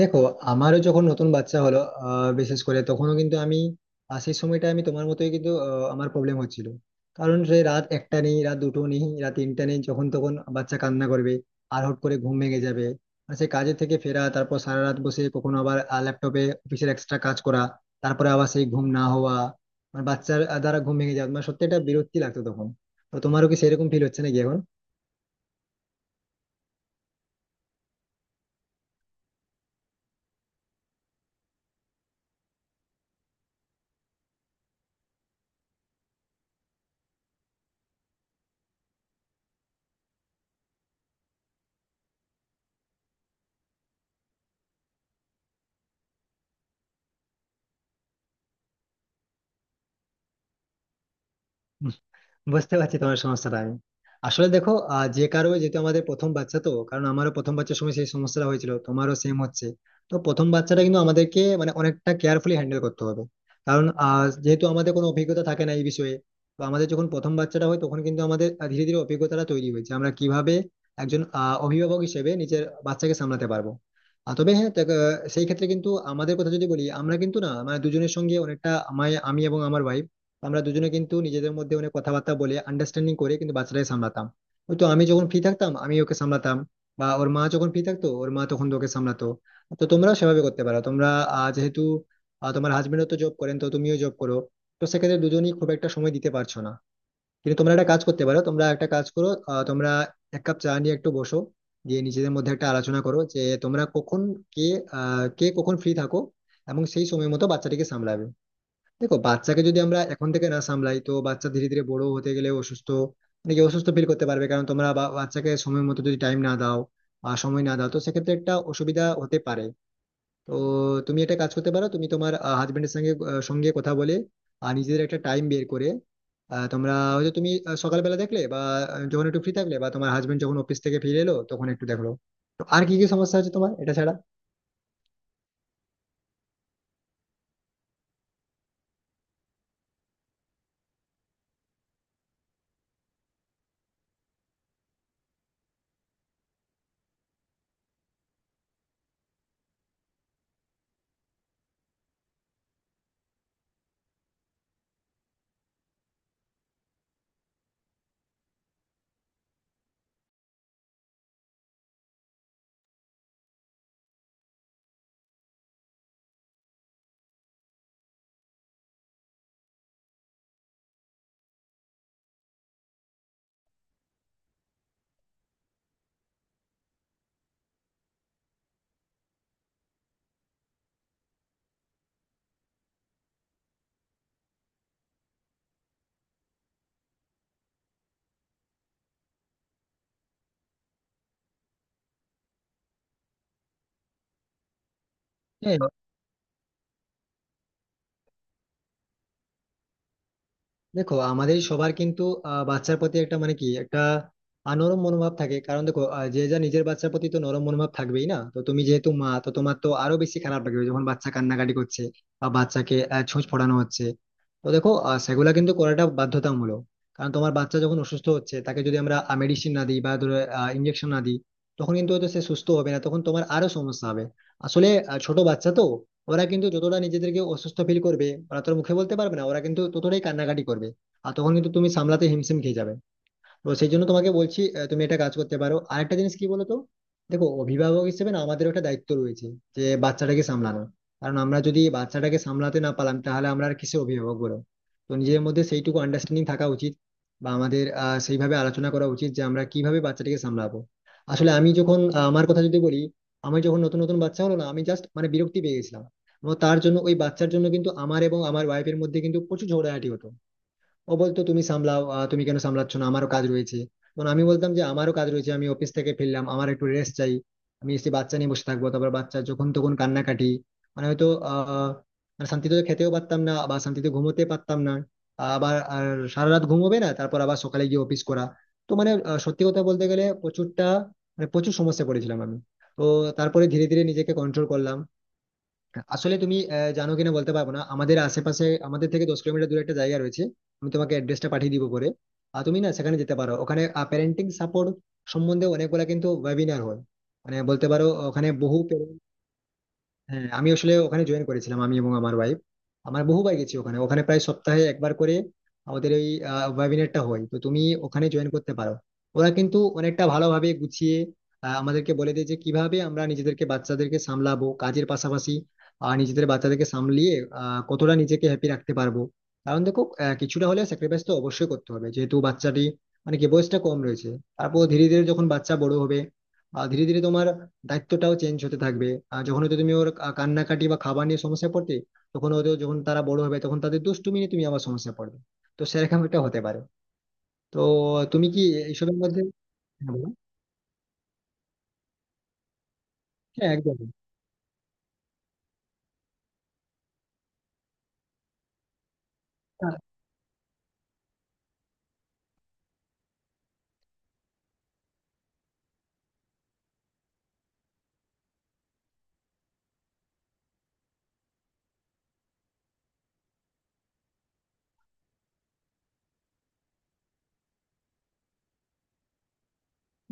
দেখো, আমারও যখন নতুন বাচ্চা হলো বিশেষ করে তখনও কিন্তু আমি সেই সময়টা আমি তোমার মতোই কিন্তু আমার প্রবলেম হচ্ছিল। কারণ সে রাত 1টা নেই, রাত 2টো নেই, রাত 3টে নেই, যখন তখন বাচ্চা কান্না করবে আর হট করে ঘুম ভেঙে যাবে। আর সে কাজের থেকে ফেরা, তারপর সারা রাত বসে কখনো আবার ল্যাপটপে অফিসের এক্সট্রা কাজ করা, তারপরে আবার সেই ঘুম না হওয়া, মানে বাচ্চার দ্বারা ঘুম ভেঙে যাওয়া, মানে সত্যি এটা বিরক্তি লাগতো তখন। তো তোমারও কি সেরকম ফিল হচ্ছে নাকি এখন? বুঝতে পারছি তোমার সমস্যাটা আমি। আসলে দেখো, যে কারো যেহেতু আমাদের প্রথম বাচ্চা তো, কারণ আমারও প্রথম বাচ্চার সময় সেই সমস্যাটা হয়েছিল, তোমারও সেম হচ্ছে। তো প্রথম বাচ্চাটা কিন্তু আমাদেরকে মানে অনেকটা কেয়ারফুলি হ্যান্ডেল করতে হবে, কারণ যেহেতু আমাদের কোনো অভিজ্ঞতা থাকে না এই বিষয়ে। তো আমাদের যখন প্রথম বাচ্চাটা হয় তখন কিন্তু আমাদের ধীরে ধীরে অভিজ্ঞতাটা তৈরি হয়েছে আমরা কিভাবে একজন অভিভাবক হিসেবে নিজের বাচ্চাকে সামলাতে পারবো। আর তবে হ্যাঁ দেখ, সেই ক্ষেত্রে কিন্তু আমাদের কথা যদি বলি, আমরা কিন্তু না মানে দুজনের সঙ্গে অনেকটা, আমায় আমি এবং আমার ভাই, আমরা দুজনে কিন্তু নিজেদের মধ্যে অনেক কথাবার্তা বলে আন্ডারস্ট্যান্ডিং করে কিন্তু বাচ্চাটাকে সামলাতাম। হয়তো আমি যখন ফ্রি থাকতাম আমি ওকে সামলাতাম, বা ওর মা যখন ফ্রি থাকতো ওর মা তখন ওকে সামলাতো। তো তোমরাও সেভাবে করতে পারো। তোমরা যেহেতু তোমার হাজবেন্ডও তো জব করেন, তো তুমিও জব করো, তো সেক্ষেত্রে দুজনেই খুব একটা সময় দিতে পারছো না। কিন্তু তোমরা একটা কাজ করতে পারো, তোমরা একটা কাজ করো, তোমরা এক কাপ চা নিয়ে একটু বসো, দিয়ে নিজেদের মধ্যে একটা আলোচনা করো যে তোমরা কখন, কে, কে কখন ফ্রি থাকো এবং সেই সময় মতো বাচ্চাটিকে সামলাবে। দেখো, বাচ্চাকে যদি আমরা এখন থেকে না সামলাই তো বাচ্চা ধীরে ধীরে বড় হতে গেলে অসুস্থ, মানে কি অসুস্থ ফিল করতে পারবে, কারণ তোমরা বাচ্চাকে সময় মতো যদি টাইম না দাও বা সময় না দাও তো সেক্ষেত্রে একটা অসুবিধা হতে পারে। তো তুমি একটা কাজ করতে পারো, তুমি তোমার হাজবেন্ডের সঙ্গে কথা বলে আর নিজেদের একটা টাইম বের করে, তোমরা হয়তো তুমি সকালবেলা দেখলে বা যখন একটু ফ্রি থাকলে বা তোমার হাজবেন্ড যখন অফিস থেকে ফিরে এলো তখন একটু দেখলো। তো আর কি কি সমস্যা হচ্ছে তোমার এটা ছাড়া? হ্যাঁ। দেখো, আমাদের সবার কিন্তু বাচ্চার প্রতি একটা মানে কি একটা নরম মনোভাব থাকে, কারণ দেখো, যে যা নিজের বাচ্চার প্রতি তো নরম মনোভাব থাকবেই না, তো তুমি যেহেতু মা তো তোমার তো আরো বেশি খারাপ লাগবে যখন বাচ্চা কান্নাকাটি করছে বা বাচ্চাকে ছুঁচ ফোড়ানো হচ্ছে। তো দেখো, সেগুলা কিন্তু করাটা বাধ্যতামূলক, কারণ তোমার বাচ্চা যখন অসুস্থ হচ্ছে তাকে যদি আমরা মেডিসিন না দিই বা ধরো ইঞ্জেকশন না দিই, তখন কিন্তু হয়তো সে সুস্থ হবে না, তখন তোমার আরো সমস্যা হবে। আসলে ছোট বাচ্চা তো ওরা কিন্তু যতটা নিজেদেরকে অসুস্থ ফিল করবে ওরা তো আর মুখে বলতে পারবে না, ওরা কিন্তু ততটাই কান্নাকাটি করবে, আর তখন কিন্তু তুমি সামলাতে হিমশিম খেয়ে যাবে। তো সেই জন্য তোমাকে বলছি তুমি একটা কাজ করতে পারো। আরেকটা জিনিস কি বলো তো, দেখো, অভিভাবক হিসেবে না আমাদের একটা দায়িত্ব রয়েছে যে বাচ্চাটাকে সামলানো, কারণ আমরা যদি বাচ্চাটাকে সামলাতে না পারলাম তাহলে আমরা আর কিসে অভিভাবক বলো। তো নিজের মধ্যে সেইটুকু আন্ডারস্ট্যান্ডিং থাকা উচিত বা আমাদের সেইভাবে আলোচনা করা উচিত যে আমরা কিভাবে বাচ্চাটাকে সামলাবো। আসলে আমি যখন আমার কথা যদি বলি, আমি যখন নতুন নতুন বাচ্চা হলো না আমি জাস্ট মানে বিরক্তি পেয়ে গেছিলাম, এবং তার জন্য ওই বাচ্চার জন্য কিন্তু আমার এবং আমার ওয়াইফের মধ্যে কিন্তু প্রচুর ঝগড়াঝাটি হতো। ও বলতো তুমি সামলাও, তুমি কেন সামলাচ্ছ না, আমারও কাজ রয়েছে। তখন আমি বলতাম যে আমারও কাজ রয়েছে, আমি অফিস থেকে ফিরলাম, আমার একটু রেস্ট চাই, আমি এসে বাচ্চা নিয়ে বসে থাকবো, তারপর বাচ্চা যখন তখন কান্নাকাটি, মানে হয়তো আহ মানে শান্তিতে খেতেও পারতাম না বা শান্তিতে ঘুমোতে পারতাম না। আবার আর সারা রাত ঘুমোবে না তারপর আবার সকালে গিয়ে অফিস করা। তো মানে সত্যি কথা বলতে গেলে প্রচুরটা মানে প্রচুর সমস্যা পড়েছিলাম আমি। তো তারপরে ধীরে ধীরে নিজেকে কন্ট্রোল করলাম। আসলে তুমি জানো কিনা বলতে পারবো না, আমাদের আশেপাশে আমাদের থেকে 10 কিলোমিটার দূরে একটা জায়গা রয়েছে। আমি তোমাকে অ্যাড্রেসটা পাঠিয়ে দিব পরে। আর তুমি না সেখানে যেতে পারো, ওখানে প্যারেন্টিং সাপোর্ট সম্বন্ধে অনেকগুলা কিন্তু ওয়েবিনার হয়, মানে বলতে পারো ওখানে বহু parent। হ্যাঁ, আমি আসলে ওখানে জয়েন করেছিলাম আমি এবং আমার ওয়াইফ। আমার বহুবার গেছি ওখানে, ওখানে প্রায় সপ্তাহে একবার করে আমাদের ওই ওয়েবিনারটা হয়, তো তুমি ওখানে জয়েন করতে পারো। ওরা কিন্তু অনেকটা ভালোভাবে গুছিয়ে আমাদেরকে বলে দেয় যে কিভাবে আমরা নিজেদেরকে বাচ্চাদেরকে সামলাবো কাজের পাশাপাশি। আর নিজেদের বাচ্চাদেরকে সামলিয়ে কতটা নিজেকে হ্যাপি রাখতে পারবো, কারণ দেখো, কিছুটা হলেও স্যাক্রিফাইস তো অবশ্যই করতে হবে যেহেতু বাচ্চাটি মানে কি বয়সটা কম রয়েছে। তারপর ধীরে ধীরে যখন বাচ্চা বড় হবে, ধীরে ধীরে তোমার দায়িত্বটাও চেঞ্জ হতে থাকবে। আর যখন হয়তো তুমি ওর কান্নাকাটি বা খাবার নিয়ে সমস্যায় পড়তে, তখন হয়তো যখন তারা বড় হবে তখন তাদের দুষ্টুমি নিয়ে তুমি আবার সমস্যায় পড়বে। তো সেরকম একটা হতে পারে। তো তুমি কি এইসবের মধ্যে? হ্যাঁ বলো। হ্যাঁ, একদম।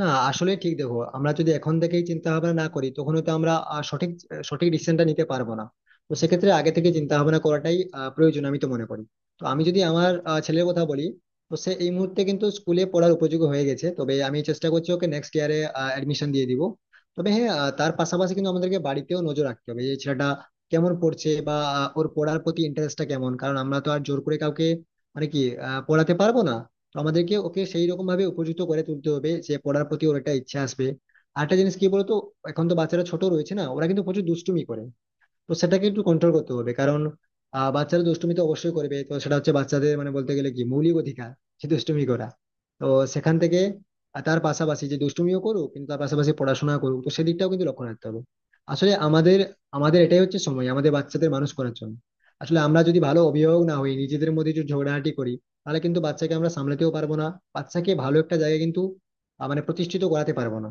না আসলে ঠিক দেখো, আমরা যদি এখন থেকেই চিন্তা ভাবনা না করি তখন হয়তো আমরা আহ, সঠিক সঠিক ডিসিশনটা নিতে পারবো না। তো সেক্ষেত্রে আগে থেকে চিন্তা ভাবনা করাটাই প্রয়োজন আমি তো মনে করি। তো আমি যদি আমার ছেলের কথা বলি, তো সে এই মুহূর্তে কিন্তু স্কুলে পড়ার উপযোগী হয়ে গেছে, তবে আমি চেষ্টা করছি ওকে নেক্সট ইয়ারে অ্যাডমিশন দিয়ে দিব। তবে হ্যাঁ তার পাশাপাশি কিন্তু আমাদেরকে বাড়িতেও নজর রাখতে হবে এই ছেলেটা কেমন পড়ছে বা ওর পড়ার প্রতি ইন্টারেস্টটা কেমন, কারণ আমরা তো আর জোর করে কাউকে মানে কি পড়াতে পারবো না। তো আমাদেরকে ওকে সেই রকম ভাবে উপযুক্ত করে তুলতে হবে যে পড়ার প্রতি ওর একটা ইচ্ছা আসবে। আরেকটা জিনিস কি বলতো, এখন তো বাচ্চারা ছোট রয়েছে না, ওরা কিন্তু প্রচুর দুষ্টুমি করে, তো সেটাকে একটু কন্ট্রোল করতে হবে, কারণ বাচ্চারা দুষ্টুমি তো অবশ্যই করবে, তো সেটা হচ্ছে বাচ্চাদের মানে বলতে গেলে কি মৌলিক অধিকার, যে দুষ্টুমি করা। তো সেখান থেকে, আর তার পাশাপাশি যে দুষ্টুমিও করুক, কিন্তু তার পাশাপাশি পড়াশোনা করুক, তো সেদিকটাও কিন্তু লক্ষ্য রাখতে হবে। আসলে আমাদের আমাদের এটাই হচ্ছে সময় আমাদের বাচ্চাদের মানুষ করার জন্য। আসলে আমরা যদি ভালো অভিভাবক না হই, নিজেদের মধ্যে যদি ঝগড়াঝাটি করি, তাহলে কিন্তু বাচ্চাকে আমরা সামলাতেও পারবো না। বাচ্চাকে ভালো একটা জায়গায় কিন্তু মানে প্রতিষ্ঠিত করাতে পারবো না।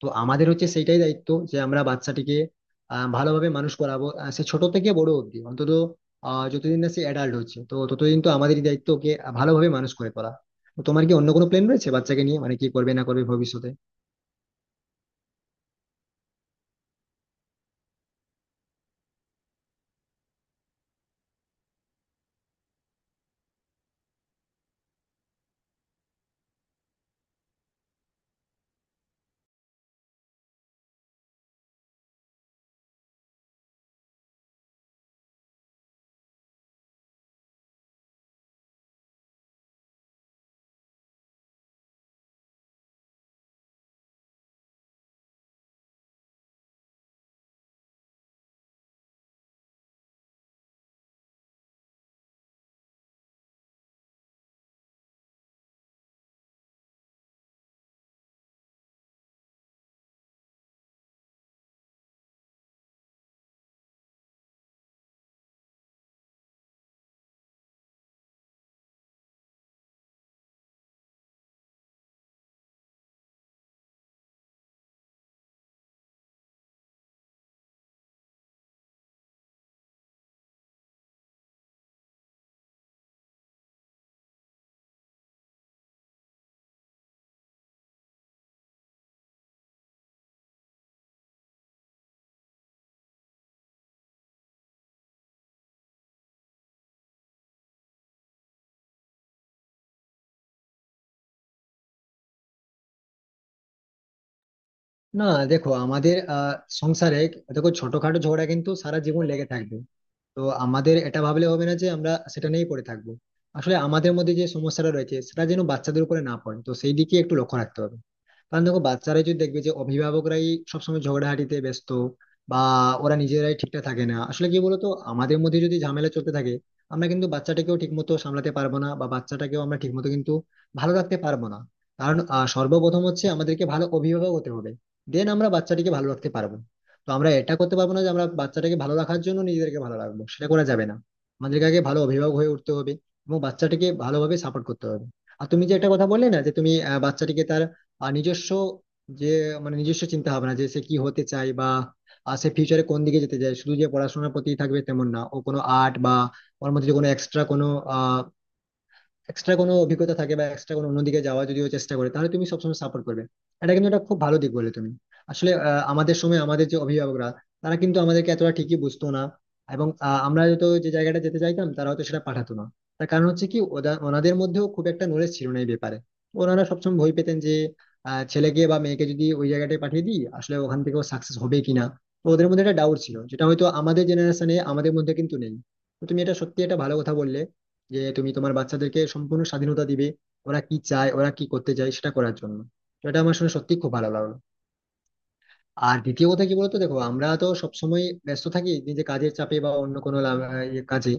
তো আমাদের হচ্ছে সেইটাই দায়িত্ব যে আমরা বাচ্চাটিকে ভালোভাবে মানুষ করাবো, সে ছোট থেকে বড় অবধি অন্তত যতদিন না সে অ্যাডাল্ট হচ্ছে তো ততদিন তো আমাদেরই দায়িত্ব ওকে ভালোভাবে মানুষ করে তোলা। তো তোমার কি অন্য কোনো প্ল্যান রয়েছে বাচ্চাকে নিয়ে মানে কি করবে না করবে ভবিষ্যতে? না দেখো, আমাদের সংসারে, দেখো, ছোটখাটো ঝগড়া কিন্তু সারা জীবন লেগে থাকবে। তো আমাদের এটা ভাবলে হবে না যে আমরা সেটা নিয়েই পড়ে থাকবো। আসলে আমাদের মধ্যে যে সমস্যাটা রয়েছে সেটা যেন বাচ্চাদের উপরে না পড়ে, তো সেই দিকে একটু লক্ষ্য রাখতে হবে, কারণ দেখো, বাচ্চারাই যদি দেখবে যে অভিভাবকরাই সবসময় ঝগড়াঝাটিতে ব্যস্ত বা ওরা নিজেরাই ঠিকঠাক থাকে না। আসলে কি বলতো, আমাদের মধ্যে যদি ঝামেলা চলতে থাকে আমরা কিন্তু বাচ্চাটাকেও ঠিক মতো সামলাতে পারবো না বা বাচ্চাটাকেও আমরা ঠিক মতো কিন্তু ভালো রাখতে পারবো না, কারণ সর্বপ্রথম হচ্ছে আমাদেরকে ভালো অভিভাবক হতে হবে, দেন আমরা বাচ্চাটিকে ভালো রাখতে পারবো। তো আমরা এটা করতে পারবো না যে আমরা বাচ্চাটাকে ভালো রাখার জন্য নিজেদেরকে ভালো রাখবো, সেটা করা যাবে না। আমাদেরকে আগে ভালো অভিভাবক হয়ে উঠতে হবে এবং বাচ্চাটিকে ভালোভাবে সাপোর্ট করতে হবে। আর তুমি যে একটা কথা বললে না যে তুমি বাচ্চাটিকে তার নিজস্ব যে মানে নিজস্ব চিন্তা ভাবনা, যে সে কি হতে চায় বা সে ফিউচারে কোন দিকে যেতে চায়, শুধু যে পড়াশোনার প্রতি থাকবে তেমন না, ও কোনো আর্ট বা ওর মধ্যে যে কোনো এক্সট্রা কোনো অভিজ্ঞতা থাকে বা এক্সট্রা কোনো অন্যদিকে যাওয়া যদিও চেষ্টা করে তাহলে তুমি সবসময় সাপোর্ট করবে, এটা কিন্তু একটা খুব ভালো দিক বলে তুমি। আসলে আমাদের সময় আমাদের যে অভিভাবকরা তারা কিন্তু আমাদেরকে এতটা ঠিকই বুঝতো না, এবং আমরা হয়তো যে জায়গাটা যেতে চাইতাম তারা হয়তো সেটা পাঠাতো না। তার কারণ হচ্ছে কি ওনাদের মধ্যেও খুব একটা নলেজ ছিল না এই ব্যাপারে। ওনারা সবসময় ভয় পেতেন যে ছেলেকে বা মেয়েকে যদি ওই জায়গাটায় পাঠিয়ে দিই আসলে ওখান থেকে ও সাকসেস হবে কিনা। তো ওদের মধ্যে একটা ডাউট ছিল যেটা হয়তো আমাদের জেনারেশনে আমাদের মধ্যে কিন্তু নেই। তো তুমি এটা সত্যি একটা ভালো কথা বললে যে তুমি তোমার বাচ্চাদেরকে সম্পূর্ণ স্বাধীনতা দিবে, ওরা কি চায়, ওরা কি করতে চায় সেটা করার জন্য। তো এটা আমার শুনে সত্যি খুব ভালো লাগলো। আর দ্বিতীয় কথা কি বলতো, দেখো, আমরা তো সবসময় ব্যস্ত থাকি নিজে কাজের চাপে বা অন্য কোনো ইয়ে কাজে।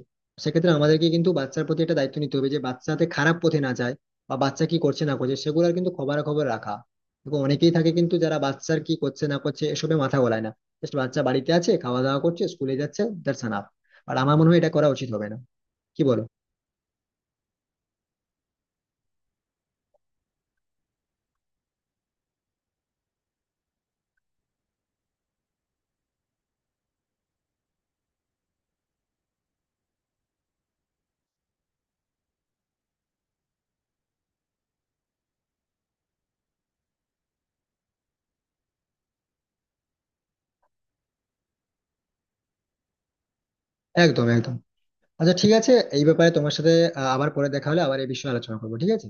সেক্ষেত্রে আমাদেরকে কিন্তু বাচ্চার প্রতি একটা দায়িত্ব নিতে হবে যে বাচ্চাতে খারাপ পথে না যায় বা বাচ্চা কি করছে না করছে সেগুলোর কিন্তু খবরাখবর রাখা। দেখো, অনেকেই থাকে কিন্তু যারা বাচ্চার কি করছে না করছে এসবে মাথা গলায় না, জাস্ট বাচ্চা বাড়িতে আছে, খাওয়া দাওয়া করছে, স্কুলে যাচ্ছে, দ্যাটস এনাফ। আর আমার মনে হয় এটা করা উচিত হবে না। কি বলো? একদম একদম। আচ্ছা ঠিক আছে, এই ব্যাপারে তোমার সাথে আবার পরে দেখা হলে আবার এই বিষয়ে আলোচনা করবো, ঠিক আছে?